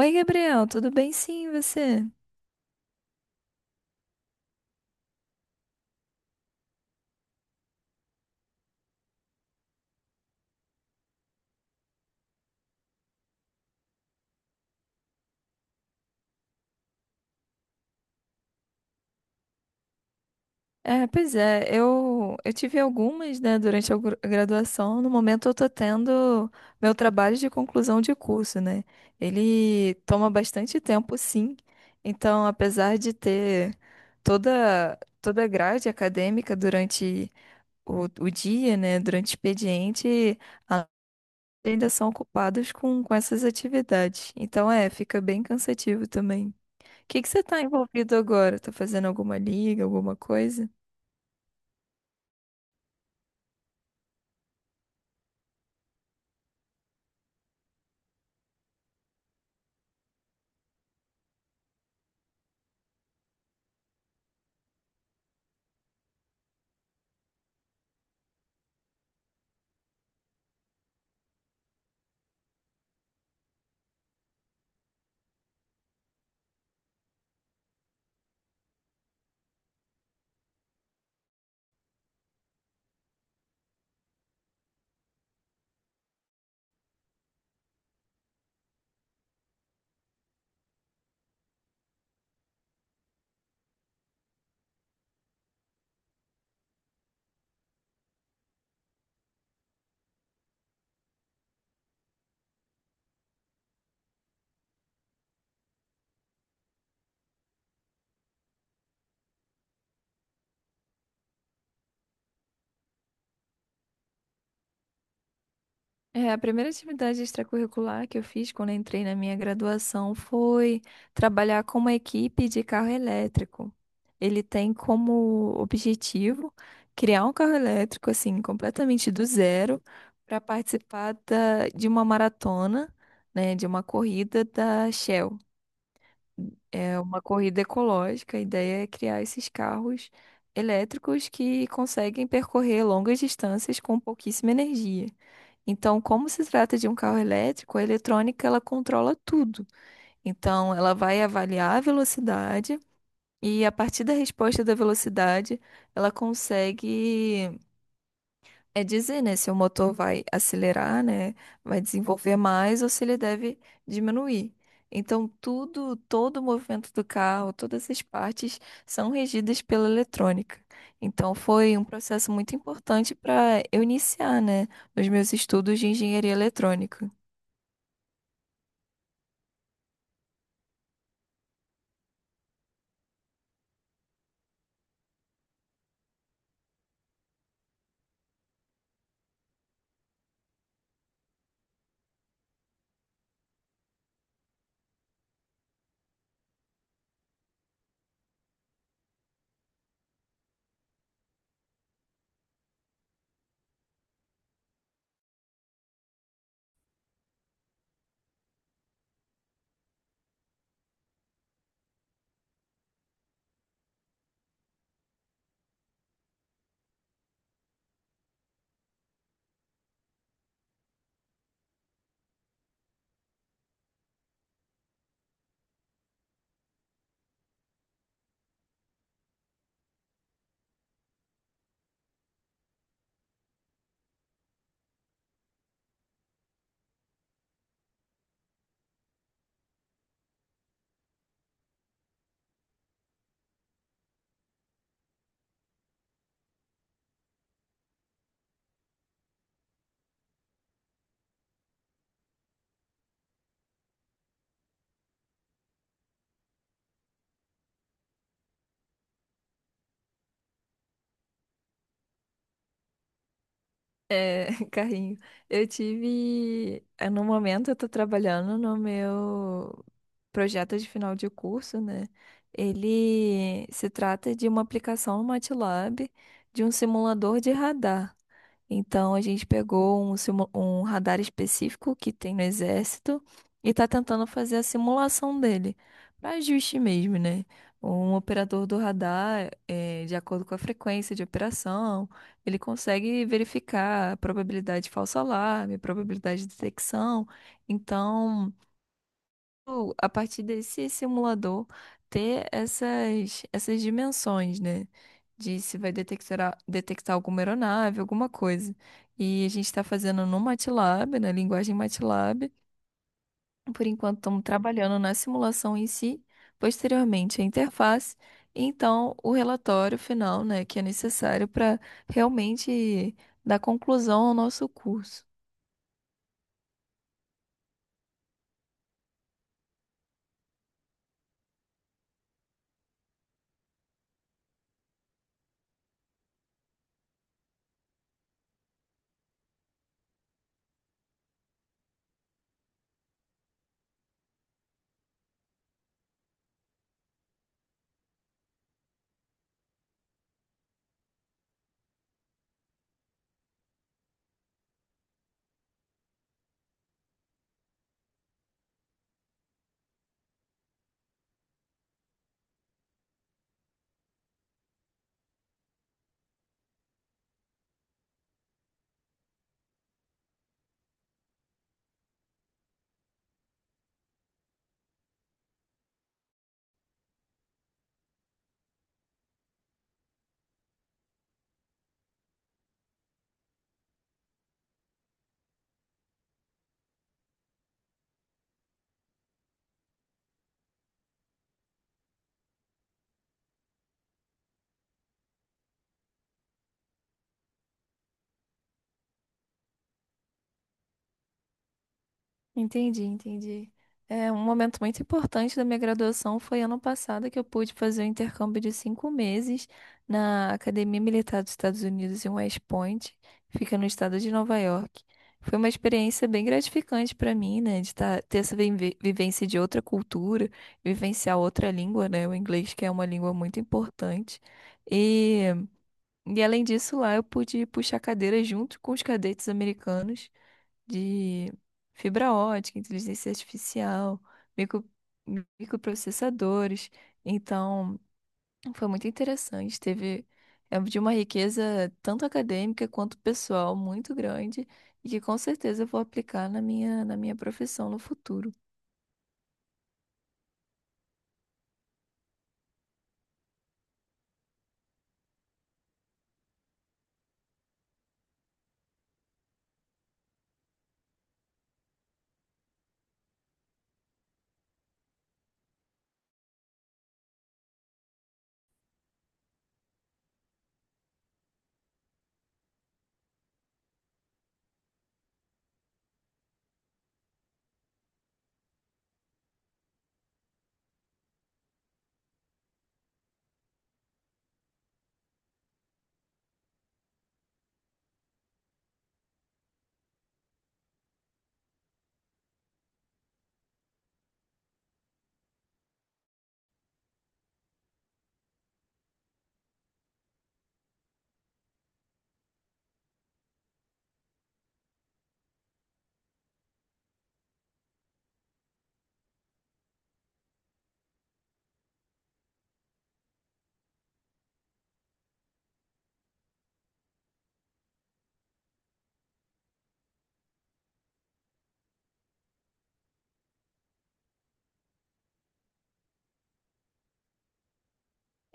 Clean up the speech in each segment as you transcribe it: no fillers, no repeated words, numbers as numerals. Oi, Gabriel, tudo bem? Sim, e você? É, pois é, eu tive algumas, né, durante a graduação. No momento eu tô tendo meu trabalho de conclusão de curso, né? Ele toma bastante tempo, sim. Então, apesar de ter toda a grade acadêmica durante o dia, né, durante o expediente, a- ainda são ocupados com essas atividades. Então, é, fica bem cansativo também. Que que você está envolvido agora? Tá fazendo alguma liga, alguma coisa? É, a primeira atividade extracurricular que eu fiz quando eu entrei na minha graduação foi trabalhar com uma equipe de carro elétrico. Ele tem como objetivo criar um carro elétrico, assim, completamente do zero, para participar de uma maratona, né, de uma corrida da Shell. É uma corrida ecológica. A ideia é criar esses carros elétricos que conseguem percorrer longas distâncias com pouquíssima energia. Então, como se trata de um carro elétrico, a eletrônica ela controla tudo. Então, ela vai avaliar a velocidade e a partir da resposta da velocidade, ela consegue dizer, né, se o motor vai acelerar, né, vai desenvolver mais ou se ele deve diminuir. Então, tudo, todo o movimento do carro, todas as partes são regidas pela eletrônica. Então, foi um processo muito importante para eu iniciar, né, nos meus estudos de engenharia eletrônica. É, carrinho. No momento, eu tô trabalhando no meu projeto de final de curso, né? Ele se trata de uma aplicação no MATLAB de um simulador de radar. Então a gente pegou um radar específico que tem no exército e está tentando fazer a simulação dele, para ajuste mesmo, né? Um operador do radar, de acordo com a frequência de operação, ele consegue verificar a probabilidade de falso alarme, a probabilidade de detecção. Então, a partir desse simulador, ter essas dimensões, né? De se vai detectar, detectar alguma aeronave, alguma coisa. E a gente está fazendo no MATLAB, na linguagem MATLAB. Por enquanto, estamos trabalhando na simulação em si, posteriormente a interface, e então o relatório final, né, que é necessário para realmente dar conclusão ao nosso curso. Entendi, entendi. É, um momento muito importante da minha graduação foi ano passado que eu pude fazer um intercâmbio de 5 meses na Academia Militar dos Estados Unidos em West Point, que fica no estado de Nova York. Foi uma experiência bem gratificante para mim, né, de ter essa vivência de outra cultura, vivenciar outra língua, né, o inglês que é uma língua muito importante. E, e além disso, lá eu pude puxar cadeira junto com os cadetes americanos de fibra ótica, inteligência artificial, micro, microprocessadores. Então, foi muito interessante. Teve de uma riqueza tanto acadêmica quanto pessoal muito grande e que com certeza eu vou aplicar na minha profissão no futuro.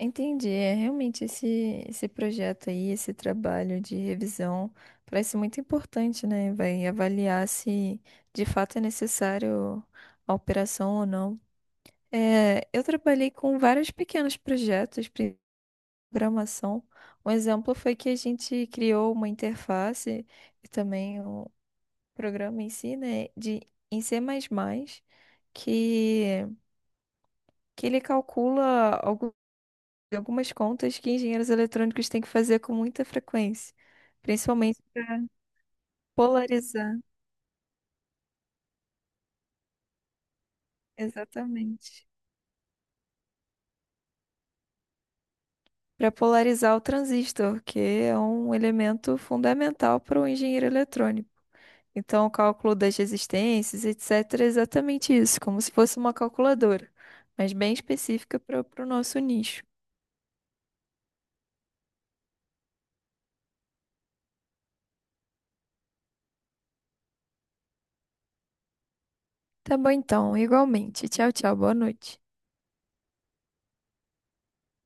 Entendi, é realmente esse, projeto aí, esse trabalho de revisão parece muito importante, né? Vai avaliar se de fato é necessário a operação ou não. É, eu trabalhei com vários pequenos projetos de programação. Um exemplo foi que a gente criou uma interface e também um programa em si, né, em C++, que, que ele calcula algumas contas que engenheiros eletrônicos têm que fazer com muita frequência, principalmente polarizar, exatamente. Para polarizar o transistor, que é um elemento fundamental para o engenheiro eletrônico. Então, o cálculo das resistências, etc., é exatamente isso, como se fosse uma calculadora, mas bem específica para o nosso nicho. Tá bom, então, igualmente. Tchau, tchau, boa noite.